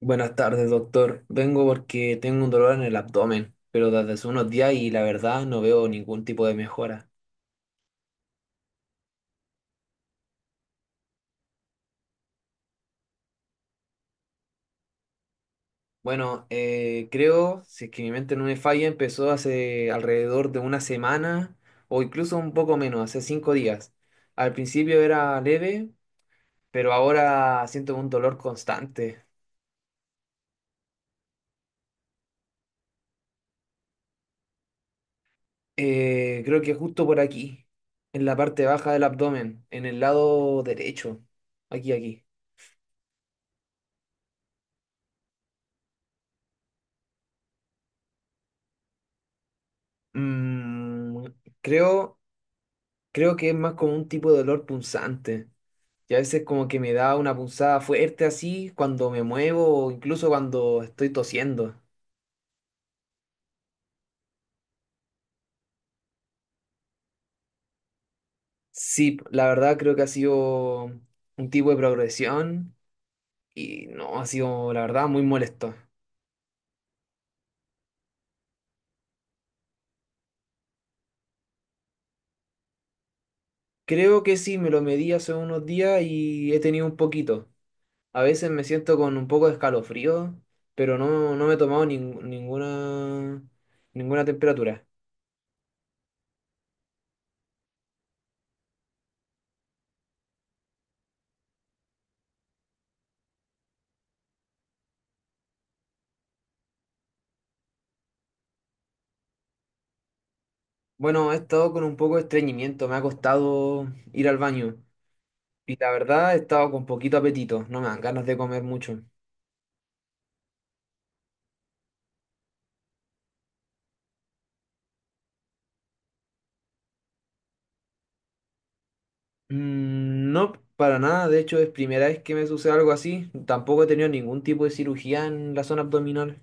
Buenas tardes, doctor. Vengo porque tengo un dolor en el abdomen, pero desde hace unos días y la verdad no veo ningún tipo de mejora. Bueno, creo, si es que mi mente no me falla, empezó hace alrededor de una semana o incluso un poco menos, hace 5 días. Al principio era leve, pero ahora siento un dolor constante. Creo que justo por aquí, en la parte baja del abdomen, en el lado derecho. Aquí, aquí. Mm, creo... Creo que es más como un tipo de dolor punzante. Y a veces como que me da una punzada fuerte así cuando me muevo o incluso cuando estoy tosiendo. Sí, la verdad creo que ha sido un tipo de progresión y no, ha sido la verdad muy molesto. Creo que sí, me lo medí hace unos días y he tenido un poquito. A veces me siento con un poco de escalofrío, pero no, no me he tomado ninguna, ninguna temperatura. Bueno, he estado con un poco de estreñimiento, me ha costado ir al baño y la verdad he estado con poquito apetito, no me dan ganas de comer mucho. Mm, no, para nada, de hecho es primera vez que me sucede algo así, tampoco he tenido ningún tipo de cirugía en la zona abdominal.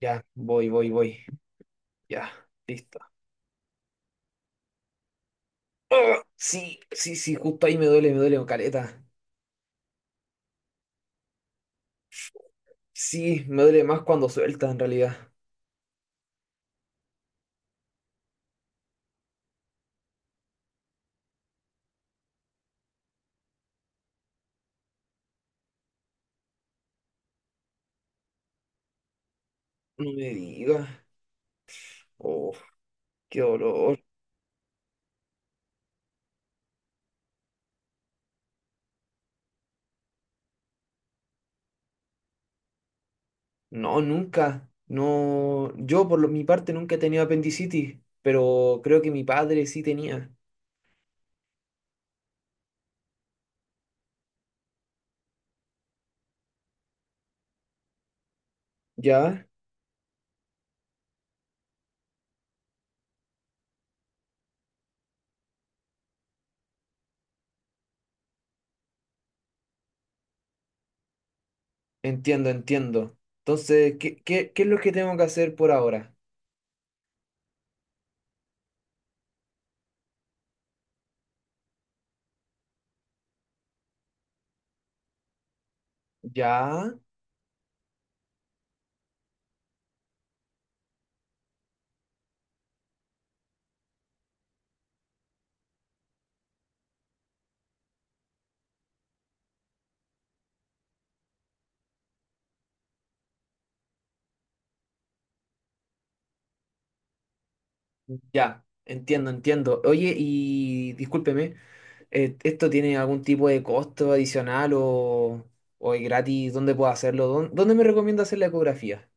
Ya, voy, voy, voy, ya, listo. ¡Ah! Sí, sí, sí, justo ahí me duele caleta. Sí, me duele más cuando suelta en realidad. No me digas, oh, qué dolor. No, nunca. No, mi parte nunca he tenido apendicitis, pero creo que mi padre sí tenía. Ya, entiendo, entiendo. Entonces, ¿qué es lo que tengo que hacer por ahora? Ya, ya, entiendo, entiendo. Oye, y discúlpeme, ¿esto tiene algún tipo de costo adicional o es gratis? ¿Dónde puedo hacerlo? ¿Dónde me recomienda hacer la ecografía?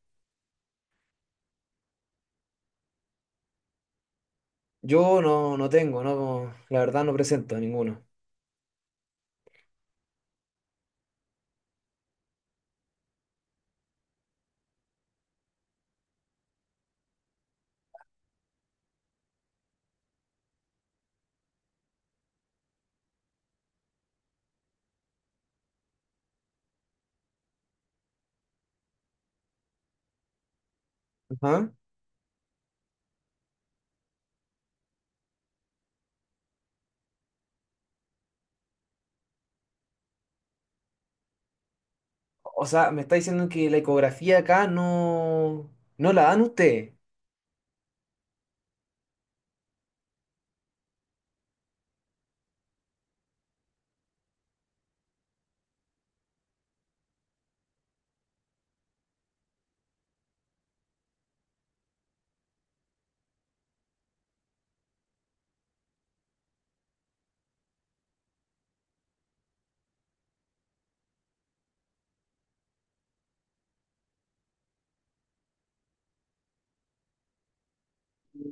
Yo no, no tengo, no, la verdad no presento ninguno. Ajá. O sea, me está diciendo que la ecografía acá no, no la dan usted.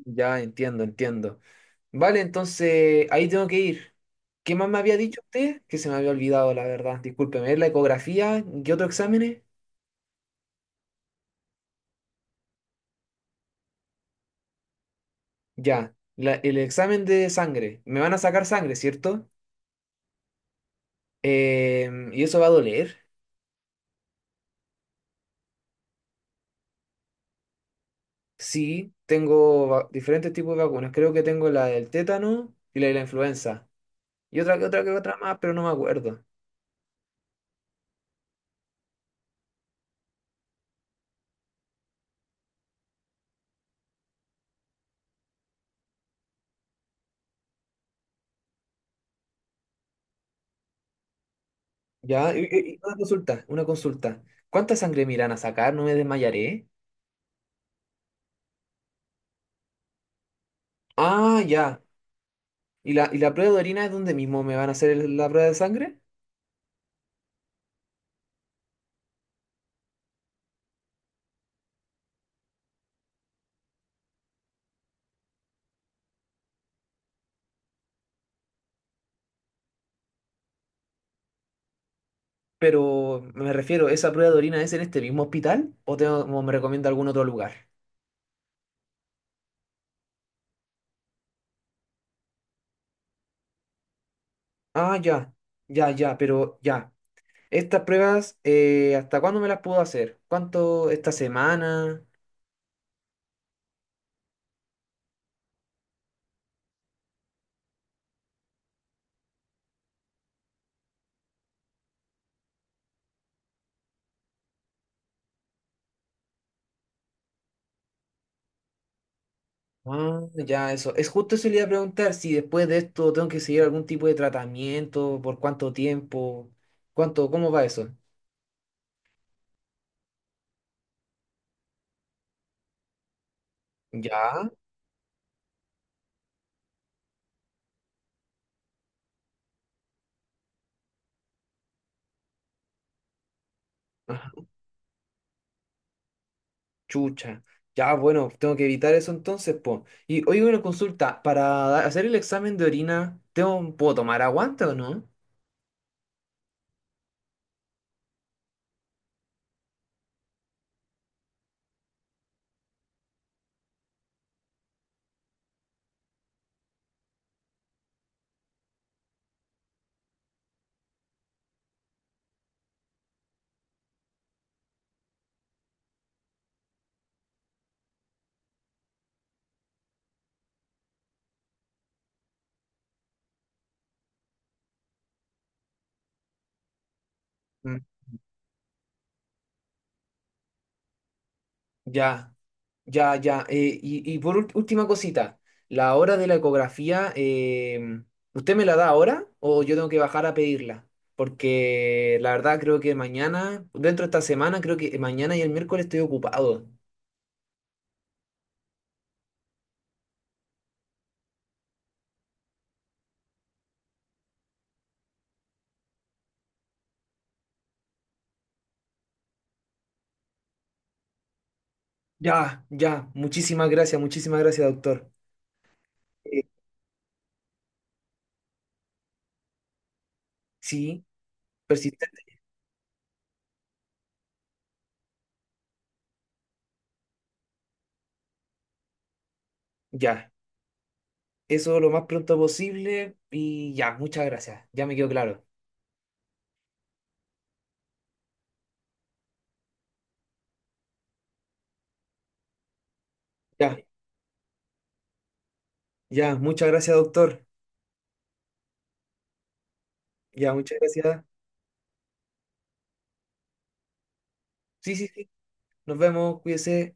Ya entiendo, entiendo. Vale, entonces ahí tengo que ir. ¿Qué más me había dicho usted? Que se me había olvidado, la verdad. Discúlpeme, ¿la ecografía? ¿Qué otro exámenes? Ya, el examen de sangre. Me van a sacar sangre, ¿cierto? Em, ¿y eso va a doler? Sí, diferentes tipos de vacunas. Creo que tengo la del tétano y la de la influenza. Y otra más, pero no me acuerdo. Ya, una consulta, una consulta. ¿Cuánta sangre me irán a sacar? ¿No me desmayaré? Ah, ya. ¿Y y la prueba de orina es donde mismo me van a hacer la prueba de sangre? Pero me refiero, ¿esa prueba de orina es en este mismo hospital o, tengo, o me recomienda algún otro lugar? Ah, ya, ya, ya, pero ya. ¿Estas pruebas, hasta cuándo me las puedo hacer? ¿Cuánto? ¿Esta semana? Ah, ya, eso. Es justo eso le iba a preguntar si después de esto tengo que seguir algún tipo de tratamiento, por cuánto tiempo, cuánto, cómo va eso. Ya, ajá, chucha. Ya, bueno, tengo que evitar eso entonces, po. Y hoy una consulta, para hacer el examen de orina, ¿tengo, puedo tomar aguante o no? Mm, ya. Ya, ya. Y, y por última cosita, la hora de la ecografía, em, ¿usted me la da ahora o yo tengo que bajar a pedirla? Porque la verdad creo que mañana, dentro de esta semana, creo que mañana y el miércoles estoy ocupado. Ya, ya. Muchísimas gracias, doctor. Eh, sí, persistente. Ya. Eso lo más pronto posible y ya, muchas gracias. Ya me quedó claro. Ya, ya. Muchas gracias, doctor. Ya, muchas gracias. Sí, sí, sí. Nos vemos, cuídese.